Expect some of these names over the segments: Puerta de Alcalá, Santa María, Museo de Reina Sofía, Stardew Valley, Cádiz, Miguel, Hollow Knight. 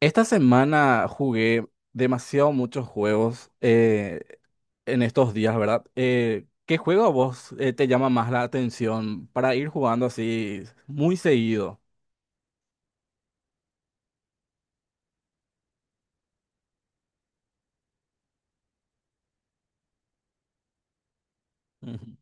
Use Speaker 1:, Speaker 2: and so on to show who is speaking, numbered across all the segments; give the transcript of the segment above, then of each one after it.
Speaker 1: Esta semana jugué demasiado muchos juegos en estos días, ¿verdad? ¿Qué juego a vos te llama más la atención para ir jugando así muy seguido? Ujú.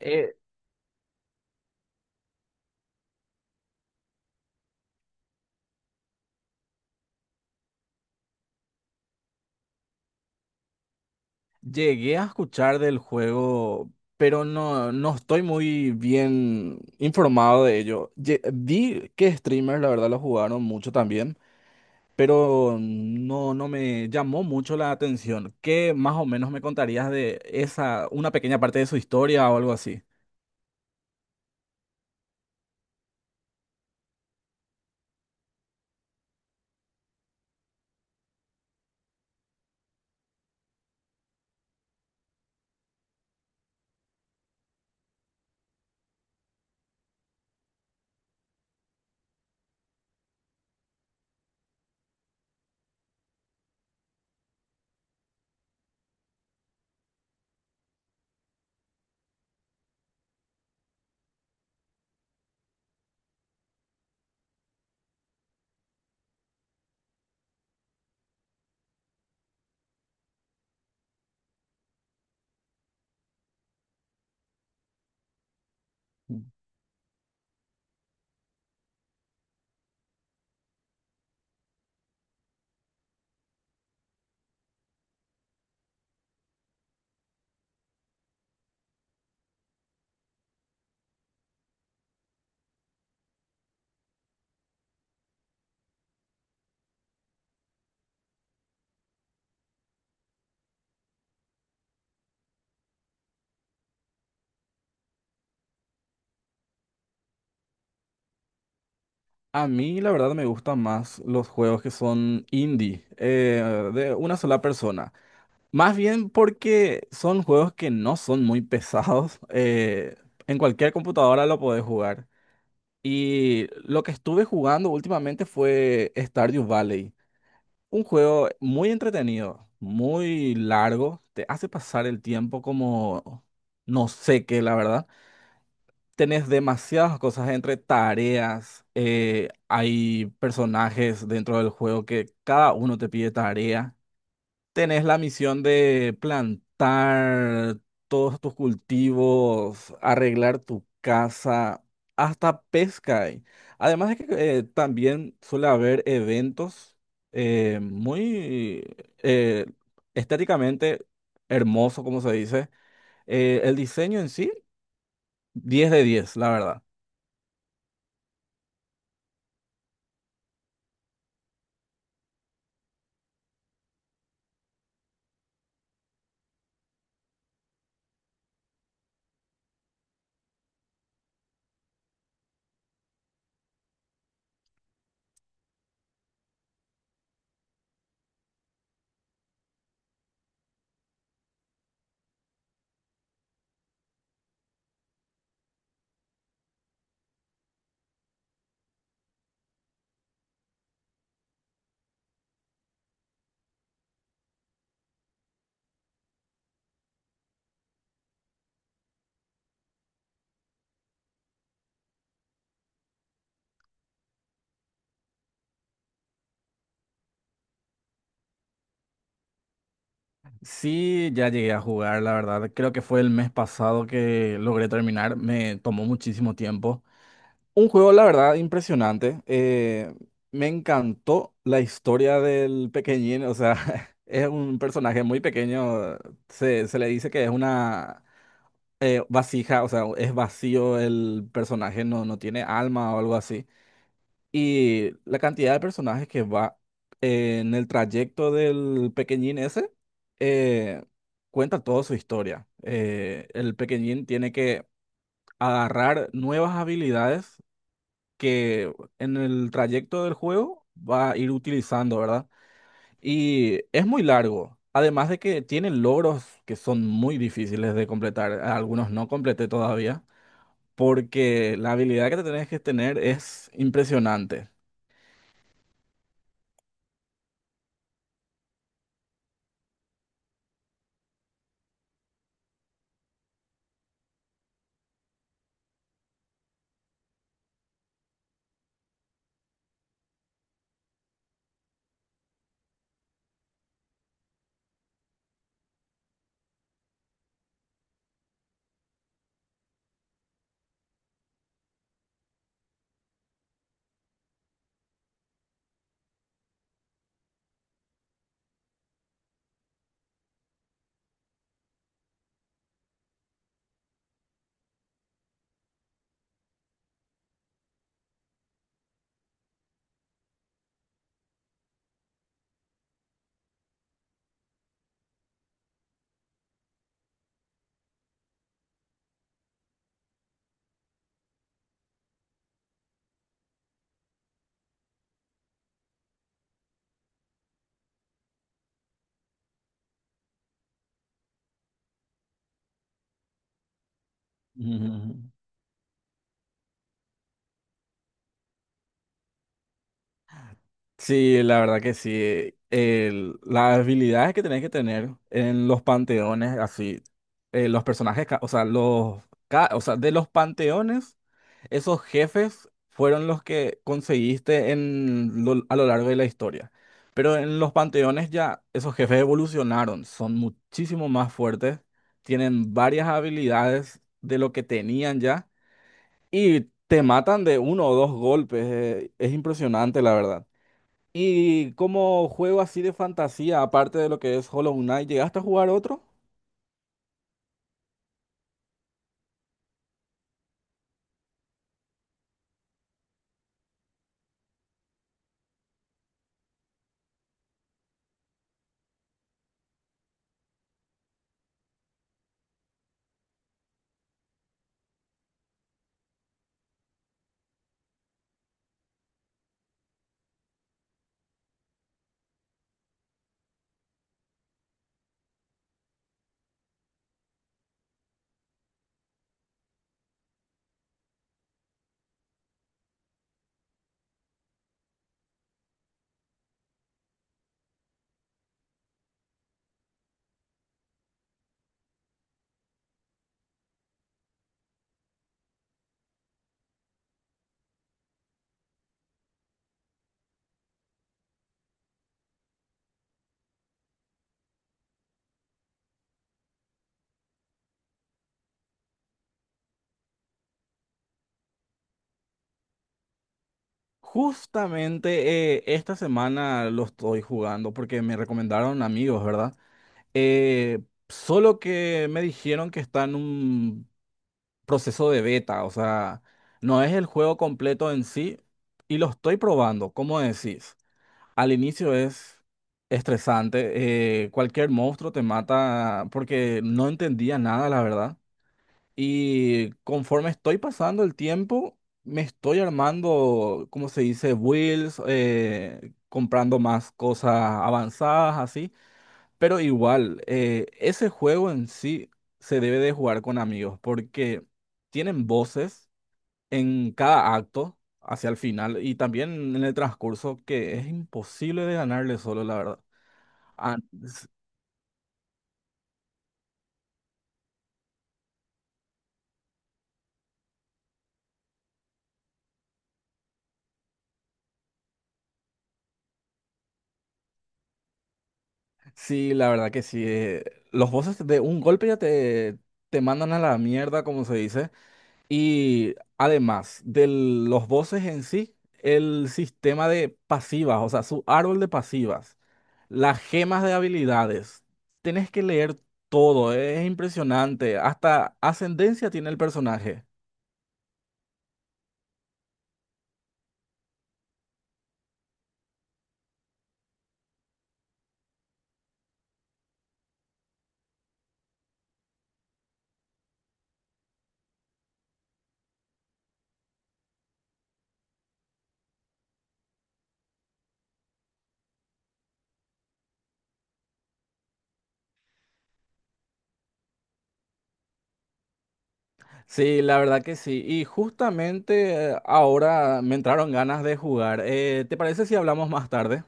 Speaker 1: Eh, Llegué a escuchar del juego, pero no estoy muy bien informado de ello. Vi que streamers, la verdad, lo jugaron mucho también. Pero no me llamó mucho la atención. ¿Qué más o menos me contarías de esa, una pequeña parte de su historia o algo así? A mí, la verdad, me gustan más los juegos que son indie, de una sola persona. Más bien porque son juegos que no son muy pesados. En cualquier computadora lo podés jugar. Y lo que estuve jugando últimamente fue Stardew Valley. Un juego muy entretenido, muy largo, te hace pasar el tiempo como no sé qué, la verdad. Tenés demasiadas cosas entre tareas, hay personajes dentro del juego que cada uno te pide tarea, tenés la misión de plantar todos tus cultivos, arreglar tu casa, hasta pesca hay. Además de que también suele haber eventos muy eh, estéticamente hermoso, como se dice. El diseño en sí, 10 de diez, la verdad. Sí, ya llegué a jugar, la verdad. Creo que fue el mes pasado que logré terminar. Me tomó muchísimo tiempo. Un juego, la verdad, impresionante. Me encantó la historia del pequeñín. O sea, es un personaje muy pequeño. Se le dice que es una vasija, o sea, es vacío el personaje, no tiene alma o algo así. Y la cantidad de personajes que va en el trayecto del pequeñín ese, eh, cuenta toda su historia. El pequeñín tiene que agarrar nuevas habilidades que en el trayecto del juego va a ir utilizando, ¿verdad? Y es muy largo. Además de que tiene logros que son muy difíciles de completar. Algunos no completé todavía. Porque la habilidad que te tenés que tener es impresionante. Ujú. Sí, la verdad que sí. Las habilidades que tenés que tener en los panteones, así, los personajes, o sea, o sea, de los panteones, esos jefes fueron los que conseguiste en, a lo largo de la historia. Pero en los panteones ya esos jefes evolucionaron, son muchísimo más fuertes, tienen varias habilidades de lo que tenían ya y te matan de uno o dos golpes. Es impresionante, la verdad. Y como juego así de fantasía, aparte de lo que es Hollow Knight, ¿llegaste a jugar otro? Justamente esta semana lo estoy jugando porque me recomendaron amigos, ¿verdad? Eh, Solo que me dijeron que está en un proceso de beta, o sea, no es el juego completo en sí y lo estoy probando, ¿cómo decís? Al inicio es estresante, cualquier monstruo te mata porque no entendía nada, la verdad. Y conforme estoy pasando el tiempo, me estoy armando, como se dice, builds, comprando más cosas avanzadas, así. Pero igual, ese juego en sí se debe de jugar con amigos porque tienen voces en cada acto hacia el final y también en el transcurso que es imposible de ganarle solo, la verdad. Ah, sí, la verdad que sí. Los voces de un golpe ya te mandan a la mierda, como se dice. Y además de los voces en sí, el sistema de pasivas, o sea, su árbol de pasivas, las gemas de habilidades, tenés que leer todo, es impresionante, hasta ascendencia tiene el personaje. Sí, la verdad que sí. Y justamente ahora me entraron ganas de jugar. ¿Te parece si hablamos más tarde?